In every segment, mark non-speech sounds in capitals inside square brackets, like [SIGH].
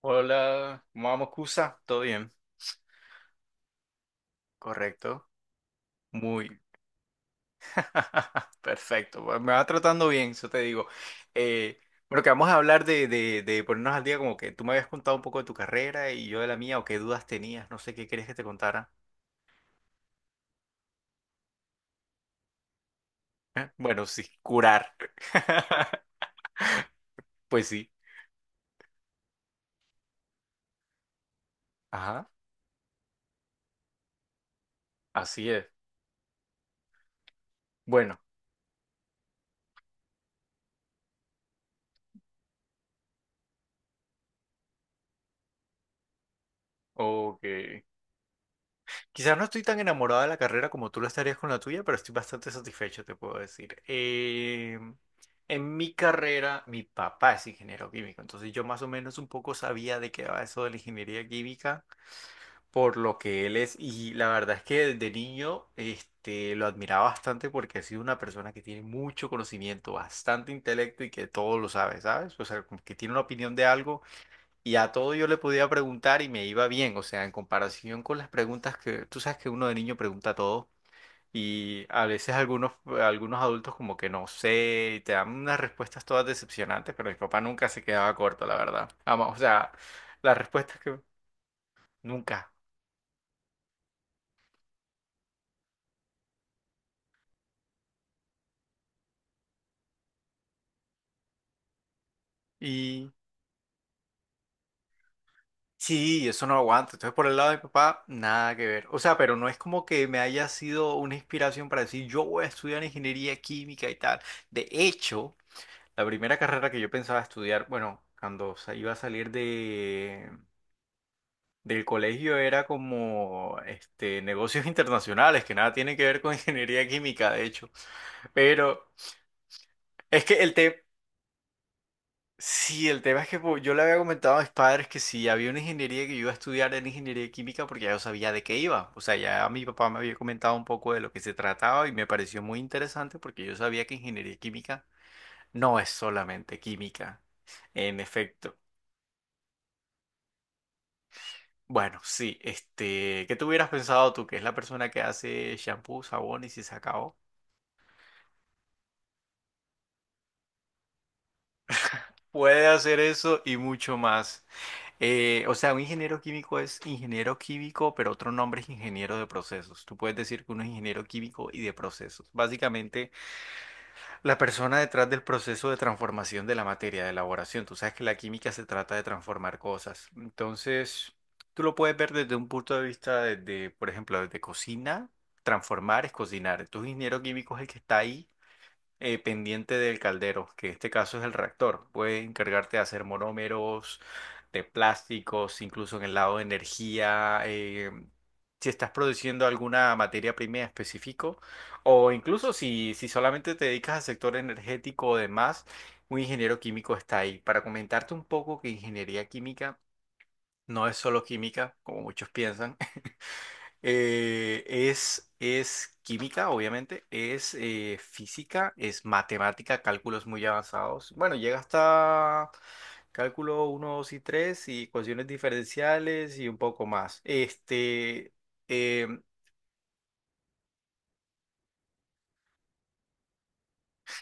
Hola, ¿cómo vamos, Cusa? ¿Todo bien? Correcto. Muy. [LAUGHS] Perfecto. Bueno, me va tratando bien, eso te digo. Eh, bueno, que vamos a hablar de ponernos al día, como que tú me habías contado un poco de tu carrera y yo de la mía, o qué dudas tenías, no sé qué querías que te contara. ¿Eh? Bueno, sí, curar. [LAUGHS] Pues sí. Ajá, así es. Bueno, ok. Quizás no estoy tan enamorada de la carrera como tú lo estarías con la tuya, pero estoy bastante satisfecho, te puedo decir. En mi carrera, mi papá es ingeniero químico, entonces yo más o menos un poco sabía de qué va eso de la ingeniería química, por lo que él es, y la verdad es que desde niño este, lo admiraba bastante porque ha sido una persona que tiene mucho conocimiento, bastante intelecto y que todo lo sabe, ¿sabes? O sea, como que tiene una opinión de algo y a todo yo le podía preguntar y me iba bien, o sea, en comparación con las preguntas que tú sabes que uno de niño pregunta todo y a veces algunos adultos como que no sé, y te dan unas respuestas todas decepcionantes, pero mi papá nunca se quedaba corto, la verdad. Ama- o sea, las respuestas que nunca. Y sí, eso no aguanto. Entonces, por el lado de mi papá, nada que ver. O sea, pero no es como que me haya sido una inspiración para decir, yo voy a estudiar ingeniería química y tal. De hecho... La primera carrera que yo pensaba estudiar, bueno, cuando sa- iba a salir de, del colegio era como este, negocios [LAUGHS] internacionales, que nada tiene que ver con [LAUGHS] ingeniería química, de hecho. Pero es que el tema, sí, el tema es que pues, yo le había comentado a mis padres que si había una ingeniería que yo iba a estudiar en ingeniería química porque ya yo sabía de qué iba. O sea, ya mi papá me había comentado un poco de lo que se trataba y me pareció muy interesante porque yo sabía que ingeniería química no es solamente química. En efecto. Bueno, sí, este, ¿qué te hubieras pensado tú, que es la persona que hace shampoo, sabón y se acabó? Puede hacer eso y mucho más. O sea, un ingeniero químico es ingeniero químico, pero otro nombre es ingeniero de procesos. Tú puedes decir que uno es ingeniero químico y de procesos. Básicamente, la persona detrás del proceso de transformación de la materia, de elaboración. Tú sabes que la química se trata de transformar cosas. Entonces, tú lo puedes ver desde un punto de vista, desde, por ejemplo, desde cocina. Transformar es cocinar. Entonces, un ingeniero químico es el que está ahí pendiente del caldero, que en este caso es el reactor. Puedes encargarte de hacer monómeros, de plásticos, incluso en el lado de energía, si estás produciendo alguna materia prima en específico, o incluso si, si solamente te dedicas al sector energético o demás, un ingeniero químico está ahí. Para comentarte un poco que ingeniería química no es solo química, como muchos piensan. Es química, obviamente, es física, es matemática, cálculos muy avanzados. Bueno, llega hasta cálculo uno 2 y 3 y ecuaciones diferenciales y un poco más. Este, em,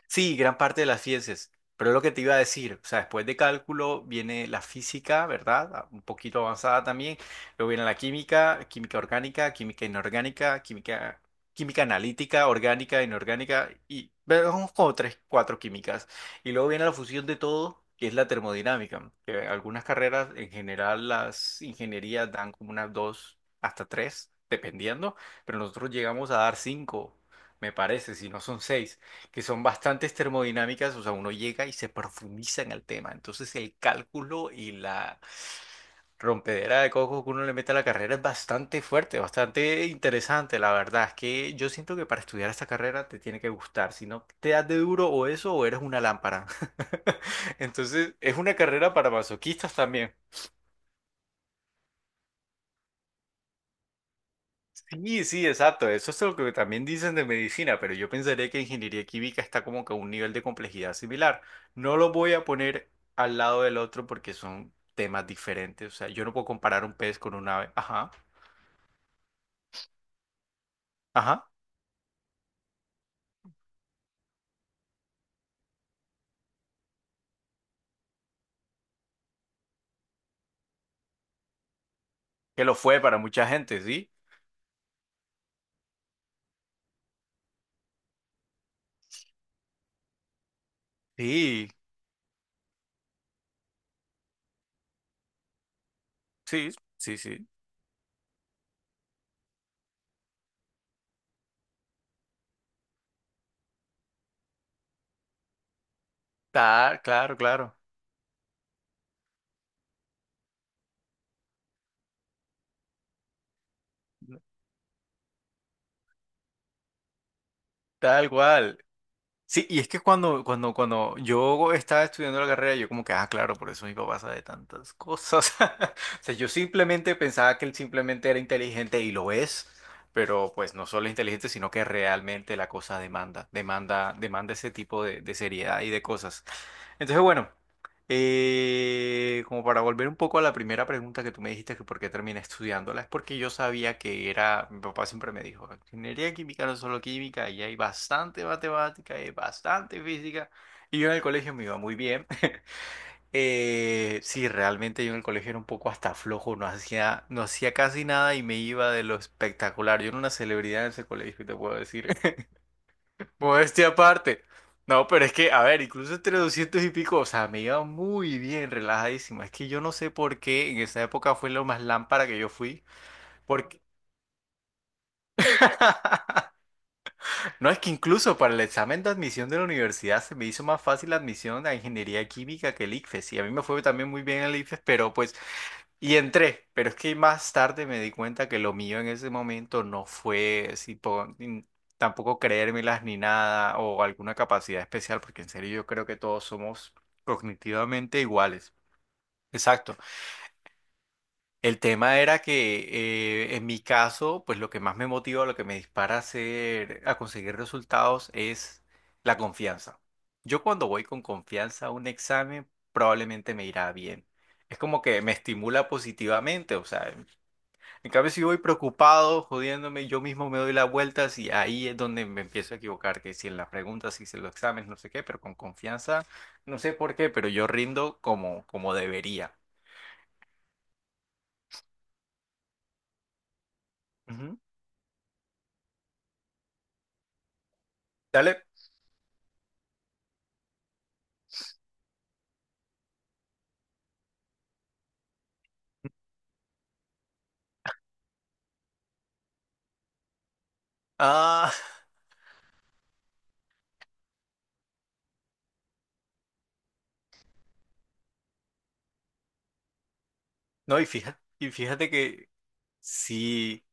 sí, gran parte de las ciencias. Pero lo que te iba a decir, o sea, después de cálculo viene la física, ¿verdad? Ah, un poquito avanzada también. Luego viene la química, química orgánica, química inorgánica, química, química analítica, orgánica, inorgánica, y vamos como tres, cuatro químicas. Y luego viene la fusión de todo, que es la termodinámica, que algunas carreras, en general, las ingenierías dan como unas dos hasta tres, dependiendo, pero nosotros llegamos a dar cinco, me parece, si no son seis, que son bastantes termodinámicas, o sea, uno llega y se profundiza en el tema. Entonces el cálculo y la rompedera de coco que uno le mete a la carrera es bastante fuerte, bastante interesante, la verdad. Es que yo siento que para estudiar esta carrera te tiene que gustar, si no te das de duro o eso o eres una lámpara. [LAUGHS] Entonces es una carrera para masoquistas también. Sí, sí, exacto. Eso es lo que también dicen de medicina, pero yo pensaría que ingeniería química está como que a un nivel de complejidad similar. No lo voy a poner al lado del otro porque son temas diferentes. O sea, yo no puedo comparar un pez con un ave. Ajá, ajá. Que lo fue para mucha gente, ¿sí? Sí, sí, sí, sí. Tal, claro, claro. Tal cual. Sí, y es que cuando yo estaba estudiando la carrera, yo como que, ah, claro, por eso mi papá sabe tantas cosas. [LAUGHS] O sea, yo simplemente pensaba que él simplemente era inteligente y lo es, pero pues no solo es inteligente, sino que realmente la cosa demanda, demanda, demanda ese tipo de seriedad y de cosas. Entonces, bueno. Como para volver un poco a la primera pregunta que tú me dijiste que por qué terminé estudiándola, es porque yo sabía que era, mi papá siempre me dijo, ingeniería química no es solo química, y hay bastante matemática, hay bastante física, y yo en el colegio me iba muy bien. [LAUGHS] Sí, realmente yo en el colegio era un poco hasta flojo, no hacía casi nada y me iba de lo espectacular. Yo era una celebridad en ese colegio, te puedo decir. Modestia aparte. No, pero es que, a ver, incluso entre 200 y pico, o sea, me iba muy bien, relajadísimo. Es que yo no sé por qué en esa época fue lo más lámpara que yo fui. Porque... [LAUGHS] No, es que incluso para el examen de admisión de la universidad se me hizo más fácil la admisión a ingeniería química que el ICFES. Y a mí me fue también muy bien el ICFES, pero pues y entré, pero es que más tarde me di cuenta que lo mío en ese momento no fue así, po- ni- tampoco creérmelas ni nada o alguna capacidad especial, porque en serio yo creo que todos somos cognitivamente iguales. Exacto. El tema era que en mi caso, pues lo que más me motiva, lo que me dispara a hacer, a conseguir resultados es la confianza. Yo cuando voy con confianza a un examen, probablemente me irá bien. Es como que me estimula positivamente, o sea, en cambio, si voy preocupado, jodiéndome, yo mismo me doy las vueltas y ahí es donde me empiezo a equivocar, que si en las preguntas, si en los exámenes, no sé qué, pero con confianza, no sé por qué, pero yo rindo como, como debería. Ujú. Dale. Ah, [LAUGHS] no, y fíjate que si,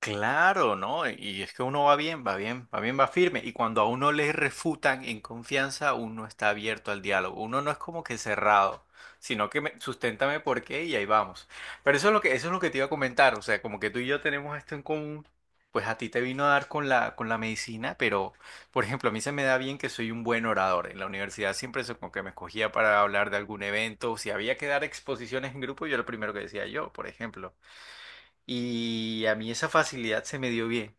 claro, ¿no? Y es que uno va bien, va bien, va bien, va firme. Y cuando a uno le refutan en confianza, uno está abierto al diálogo. Uno no es como que cerrado, sino que me, susténtame por qué y ahí vamos. Pero eso es lo que, eso es lo que te iba a comentar. O sea, como que tú y yo tenemos esto en común, pues a ti te vino a dar con la medicina, pero, por ejemplo, a mí se me da bien que soy un buen orador. En la universidad siempre eso como que me escogía para hablar de algún evento. Si había que dar exposiciones en grupo, yo era el primero que decía yo, por ejemplo. Y a mí esa facilidad se me dio bien.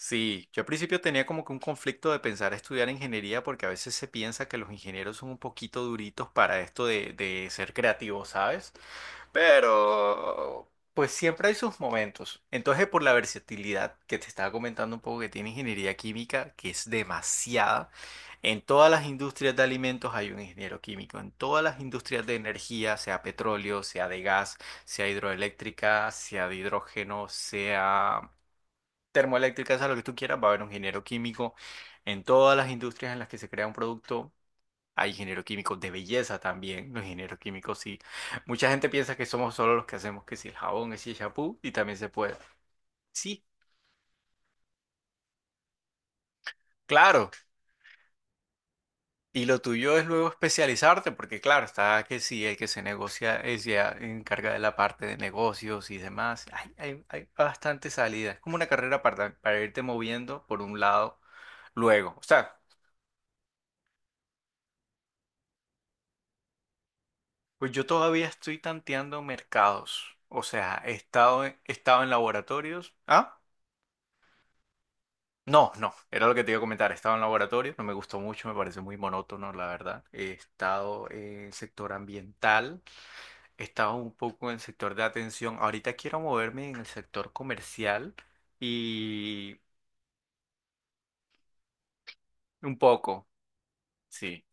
Sí, yo al principio tenía como que un conflicto de pensar estudiar ingeniería porque a veces se piensa que los ingenieros son un poquito duritos para esto de ser creativos, ¿sabes? Pero, pues siempre hay sus momentos. Entonces, por la versatilidad que te estaba comentando un poco que tiene ingeniería química, que es demasiada, en todas las industrias de alimentos hay un ingeniero químico, en todas las industrias de energía, sea petróleo, sea de gas, sea hidroeléctrica, sea de hidrógeno, sea termoeléctrica, sea lo que tú quieras, va a haber un ingeniero químico. En todas las industrias en las que se crea un producto. Hay ingeniero químico de belleza también, los ingenieros químicos sí. Mucha gente piensa que somos solo los que hacemos que si el jabón, que si el champú y también se puede. Sí, claro. Y lo tuyo es luego especializarte, porque claro, está que sí, el que se negocia, es ya encarga de la parte de negocios y demás. Hay bastante salida. Es como una carrera para irte moviendo por un lado luego. O sea, pues yo todavía estoy tanteando mercados. O sea, he estado en laboratorios. ¿Ah? No, no, era lo que te iba a comentar. He estado en laboratorio, no me gustó mucho, me parece muy monótono, la verdad. He estado en el sector ambiental, he estado un poco en el sector de atención. Ahorita quiero moverme en el sector comercial y un poco, sí.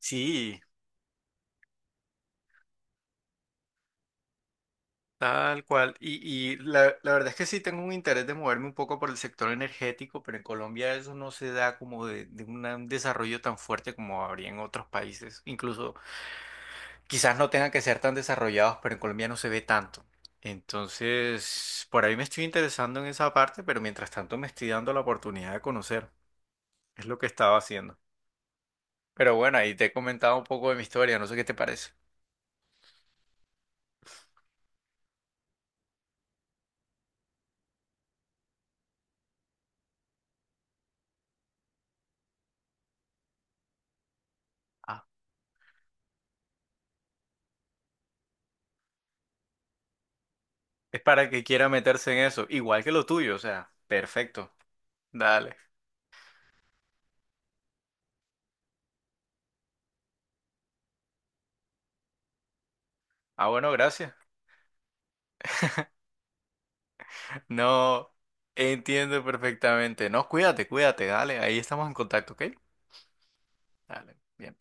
Sí, tal cual. Y la, la verdad es que sí tengo un interés de moverme un poco por el sector energético, pero en Colombia eso no se da como de un desarrollo tan fuerte como habría en otros países, incluso quizás no tengan que ser tan desarrollados, pero en Colombia no se ve tanto. Entonces, por ahí me estoy interesando en esa parte, pero mientras tanto me estoy dando la oportunidad de conocer. Es lo que estaba haciendo. Pero bueno, ahí te he comentado un poco de mi historia, no sé qué te parece. Ah, es para el que quiera meterse en eso, igual que lo tuyo, o sea, perfecto. Dale. Ah, bueno, gracias. [LAUGHS] No, entiendo perfectamente. No, cuídate, cuídate, dale, ahí estamos en contacto, ¿ok? Dale. Bien.